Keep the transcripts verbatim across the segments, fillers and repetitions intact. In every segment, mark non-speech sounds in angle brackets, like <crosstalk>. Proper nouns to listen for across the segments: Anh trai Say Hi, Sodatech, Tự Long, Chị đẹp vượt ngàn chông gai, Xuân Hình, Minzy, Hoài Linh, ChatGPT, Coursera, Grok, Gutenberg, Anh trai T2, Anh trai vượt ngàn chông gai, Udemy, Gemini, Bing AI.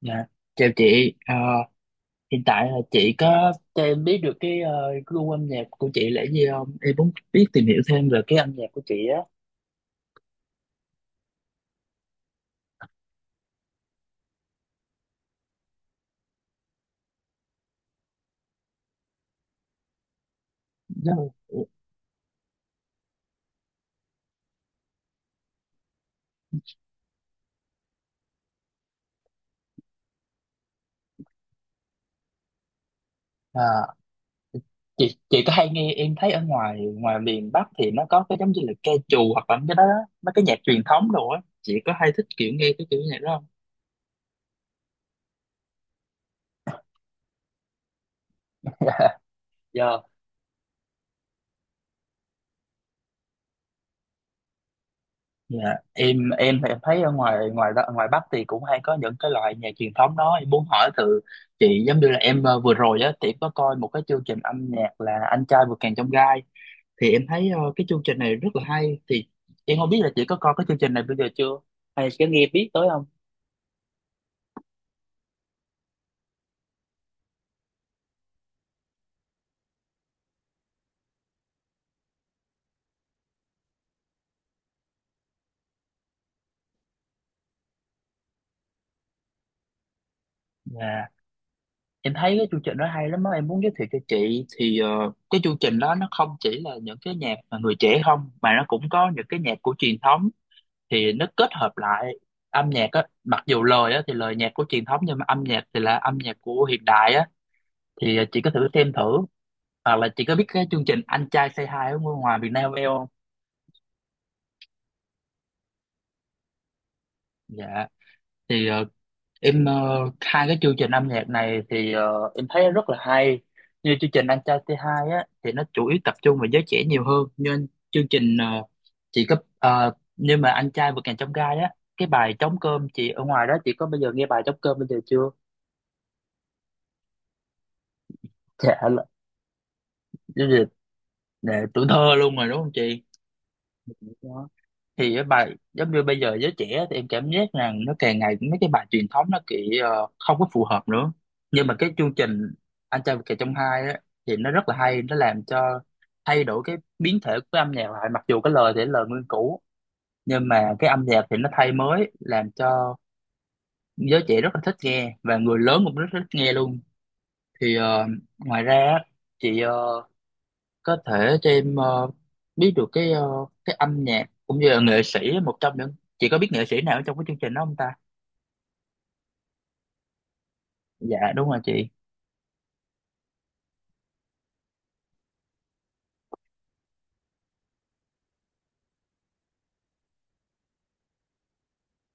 Dạ, chào chị. Ờ, Hiện tại là chị có cho em biết được cái ờ, gu âm nhạc của chị là gì không? Em muốn biết tìm hiểu thêm về cái âm nhạc của chị á. Đó. Ờ, chị chị có hay nghe em thấy ở ngoài ngoài miền Bắc thì nó có cái giống như là ca trù hoặc là cái đó đó, mấy cái nhạc truyền thống đồ á. Chị có hay thích kiểu nghe cái kiểu nhạc đó không? Dạ. Dạ, Em em thì em thấy ở ngoài ngoài đó- ngoài Bắc thì cũng hay có những cái loại nhạc truyền thống đó em muốn hỏi từ chị giống như là em ờ, vừa rồi á thì em có coi một cái chương trình âm nhạc là Anh trai vượt ngàn chông gai thì em thấy ờ, cái chương trình này rất là hay thì em không biết là chị có coi cái chương trình này bây giờ chưa hay có nghe biết tới không? Dạ, em thấy cái chương trình đó hay lắm á em muốn giới thiệu cho chị thì ờ, cái chương trình đó nó không chỉ là những cái nhạc mà người trẻ không mà nó cũng có những cái nhạc của truyền thống thì nó kết hợp lại âm nhạc á, mặc dù lời á thì lời nhạc của truyền thống nhưng mà âm nhạc thì là âm nhạc của hiện đại á thì à, chị có thử xem thử hoặc là chị có biết cái chương trình Anh trai Say Hi ở ngoài Việt Nam em không. Dạ thì ờ, em ờ, hai cái chương trình âm nhạc này thì ờ, em thấy rất là hay, như chương trình Anh trai tê hai á thì nó chủ yếu tập trung vào giới trẻ nhiều hơn. Nhưng chương trình ờ, chị có ờ, nhưng mà anh trai vượt ngàn chông gai á, cái bài trống cơm chị ở ngoài đó chị có bao giờ nghe bài trống cơm bây giờ chưa? Dạ giáo dục là tuổi thơ luôn rồi đúng không chị? Đó. Thì cái bài giống như bây giờ giới trẻ thì em cảm giác rằng nó càng ngày mấy cái bài truyền thống nó kiểu ờ, không có phù hợp nữa. Nhưng mà cái chương trình Anh trai vượt ngàn chông gai á thì nó rất là hay, nó làm cho thay đổi cái biến thể của âm nhạc lại, mặc dù cái lời thì là lời nguyên cũ nhưng mà cái âm nhạc thì nó thay mới làm cho giới trẻ rất là thích nghe và người lớn cũng rất thích nghe luôn. Thì ờ, ngoài ra á, chị ờ, có thể cho em ờ, biết được cái ờ, cái âm nhạc cũng như là nghệ sĩ, một trong những chị có biết nghệ sĩ nào ở trong cái chương trình đó không ta? Dạ đúng rồi chị.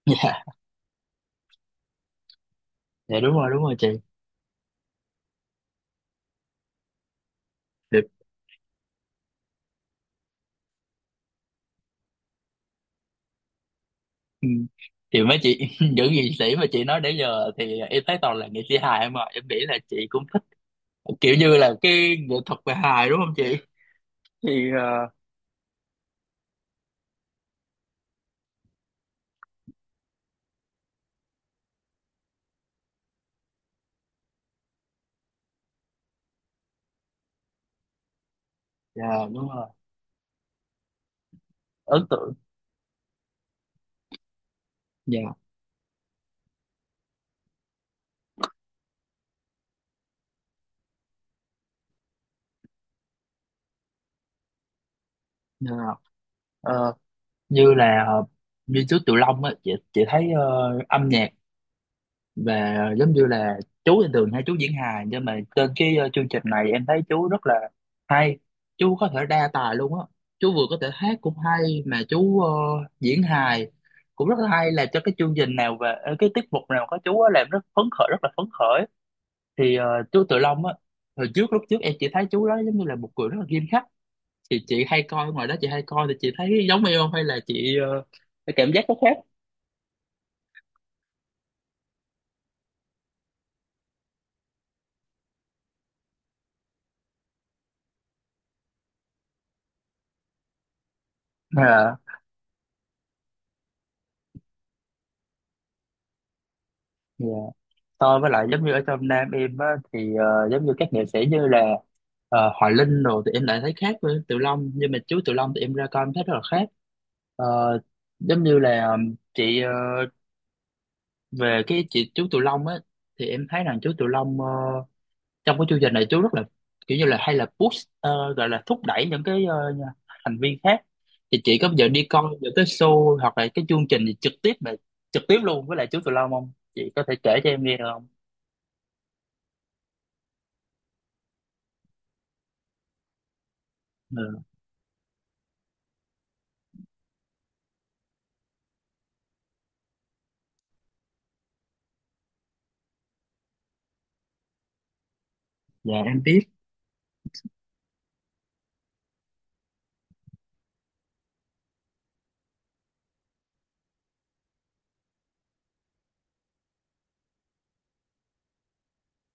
<laughs> Dạ. Dạ đúng rồi đúng rồi chị. Được. Ừ. Thì mấy chị <laughs> những nghệ sĩ mà chị nói đến giờ thì em thấy toàn là nghệ sĩ hài em, mà em nghĩ là chị cũng thích kiểu như là cái nghệ thuật về hài đúng không chị? Thì ờ, dạ đúng rồi, ấn tượng. Dạ. Dạ. Ờ, như là ờ, như trước Tiểu Long á, chị chị thấy ờ, âm nhạc và giống như là chú thì thường hay chú diễn hài nhưng mà trên cái ờ, chương trình này em thấy chú rất là hay, chú có thể đa tài luôn á, chú vừa có thể hát cũng hay mà chú ờ, diễn hài cũng rất là hay, là cho cái chương trình nào và ờ, cái tiết mục nào có chú á làm rất phấn khởi, rất là phấn khởi. Thì ờ, chú Tự Long á, hồi trước lúc trước em chỉ thấy chú đó giống như là một người rất là nghiêm khắc. Thì chị hay coi ngoài đó, chị hay coi thì chị thấy giống em không hay là chị ờ, cái cảm giác có khác? À dạ, tôi với lại giống như ở trong Nam em á, thì ờ, giống như các nghệ sĩ như là ờ, Hoài Linh rồi thì em lại thấy khác với Tự Long, nhưng mà chú Tự Long thì em ra coi em thấy rất là khác. Ờ, giống như là um, chị ờ, về cái chị chú Tự Long á thì em thấy rằng chú Tự Long ờ, trong cái chương trình này chú rất là kiểu như là hay là push ờ, gọi là thúc đẩy những cái ờ, thành viên khác. Thì chị có bao giờ đi coi những cái show hoặc là cái chương trình gì trực tiếp mà trực tiếp luôn với lại chú Tự Long không, chị có thể kể cho em nghe được không? Dạ em biết.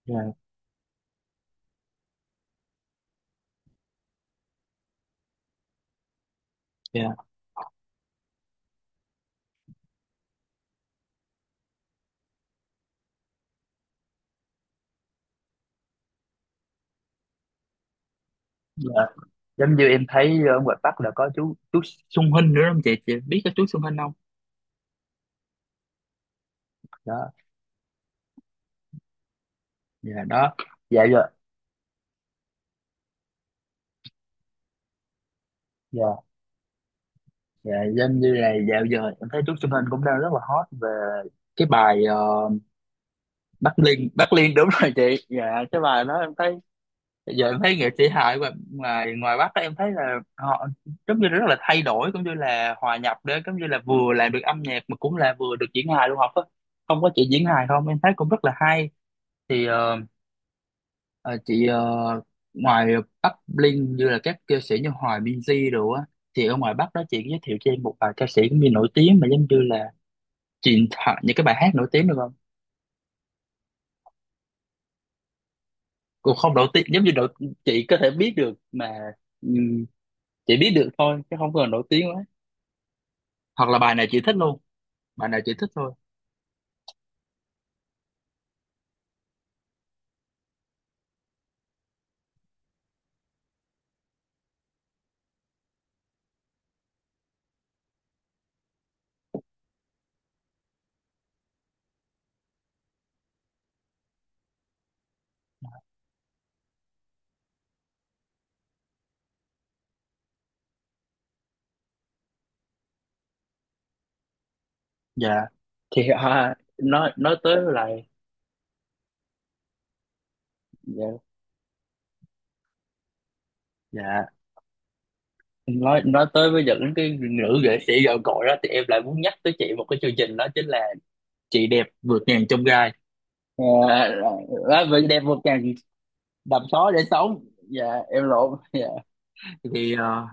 Dạ. Dạ. Dạ giống như em thấy ở ngoài Bắc là có chú chú Xuân Hinh nữa không chị chị biết cái chú Xuân Hinh không? Đó. Dạ đó. Dạ giờ. Dạ. Dạ giống như này dạo giờ em thấy chú Xuân Hinh cũng đang rất là hot về cái bài ờ, Bắc Liên, Bắc Liên đúng rồi chị, dạ cái bài đó em thấy giờ em thấy nghệ sĩ hài ngoài ngoài ngoài Bắc á, em thấy là họ giống như rất là thay đổi cũng như là hòa nhập đấy, giống như là vừa làm được âm nhạc mà cũng là vừa được diễn hài luôn học á, không có chị diễn hài không em thấy cũng rất là hay. Thì ờ, ờ, chị ờ, ngoài Bắc Linh như là các ca sĩ như Hoài Minzy rồi á thì ở ngoài Bắc đó chị giới thiệu cho em một vài ca sĩ cũng như nổi tiếng mà giống như là truyền thoại những cái bài hát nổi tiếng được không? Cũng không nổi tiếng giống như nổi, chị có thể biết được mà. ừm, chị biết được thôi chứ không cần nổi tiếng quá, hoặc là bài này chị thích luôn, bài này chị thích thôi. Dạ thì à, nói nói tới lại. Dạ. Dạ. Nói nói tới với những cái nữ nghệ sĩ gạo cội đó thì em lại muốn nhắc tới chị một cái chương trình đó chính là chị đẹp vượt ngàn chông gai. À, à, vậy đẹp vượt ngàn đầm só để sống, dạ em lộn, dạ thì ờ,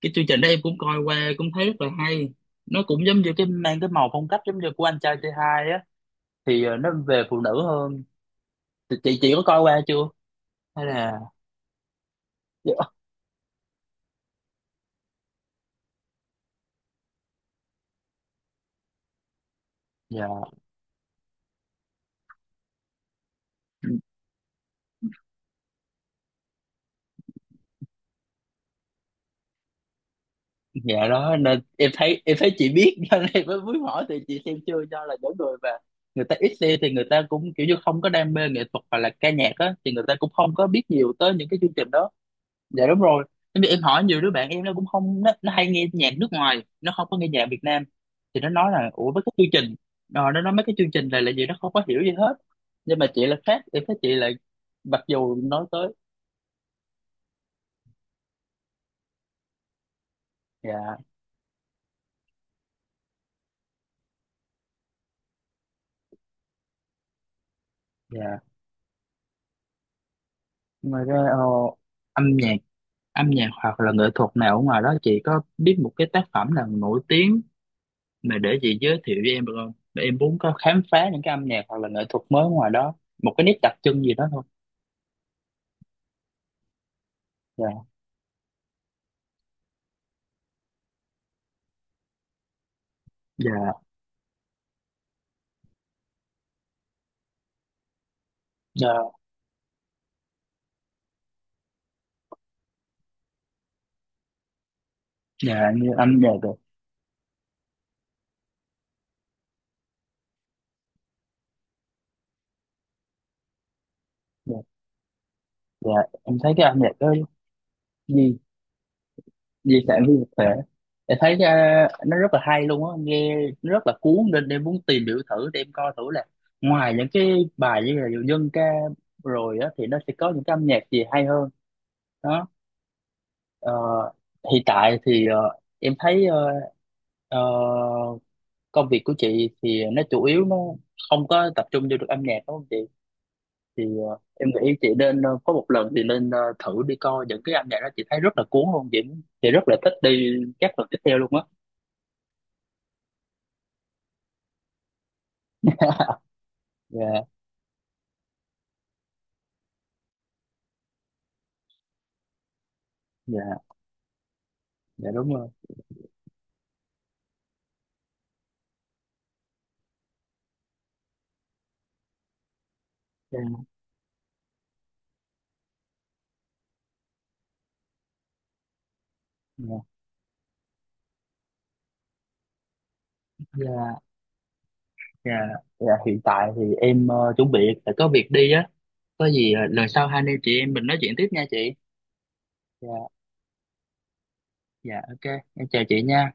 cái chương trình đó em cũng coi qua cũng thấy rất là hay, nó cũng giống như cái mang cái màu phong cách giống như của anh trai tê hai á, thì ờ, nó về phụ nữ hơn. Thì chị chị có coi qua chưa hay là dạ. Dạ. Dạ đó nên em thấy, em thấy chị biết <laughs> cho nên em mới muốn hỏi thì chị xem chưa, do là những người mà người ta ít xem thì người ta cũng kiểu như không có đam mê nghệ thuật hoặc là ca nhạc á thì người ta cũng không có biết nhiều tới những cái chương trình đó. Dạ đúng rồi. Tại vì em hỏi nhiều đứa bạn em, nó cũng không nó, nó hay nghe nhạc nước ngoài, nó không có nghe nhạc Việt Nam thì nó nói là ủa mấy cái chương trình ờ, nó nói mấy cái chương trình này là gì, nó không có hiểu gì hết. Nhưng mà chị là khác, em thấy chị là mặc dù nói tới dạ. Dạ. Ngoài ra ờ, âm nhạc âm nhạc hoặc là nghệ thuật nào ở ngoài đó chị có biết một cái tác phẩm nào nổi tiếng mà để chị giới thiệu với em được không, để em muốn có khám phá những cái âm nhạc hoặc là nghệ thuật mới ngoài đó, một cái nét đặc trưng gì đó thôi. Dạ. Dạ. Dạ. Dạ như âm nhạc rồi. Dạ. Dạ em thấy cái âm nhạc đó, di di sản phi vật thể em thấy ờ, nó rất là hay luôn á nghe, nó rất là cuốn nên em muốn tìm hiểu thử để em coi thử là ngoài những cái bài như là dân ca rồi á thì nó sẽ có những cái âm nhạc gì hay hơn. Đó. Ờ, hiện tại thì ờ, em thấy ờ, ờ, công việc của chị thì nó chủ yếu nó không có tập trung vô được âm nhạc đúng không chị? Thì ờ, em nghĩ chị nên ờ, có một lần thì nên ờ, thử đi coi những cái âm nhạc đó, chị thấy rất là cuốn luôn chị chị rất là thích đi các lần tiếp theo luôn á. Dạ. Dạ. Dạ đúng rồi. Dạ. Dạ. Dạ. Dạ. Dạ, hiện tại thì em ờ, chuẩn bị phải có việc đi á. Có gì ờ, lần sau hai anh em chị em mình nói chuyện tiếp nha chị. Dạ. Dạ ok em chào chị nha.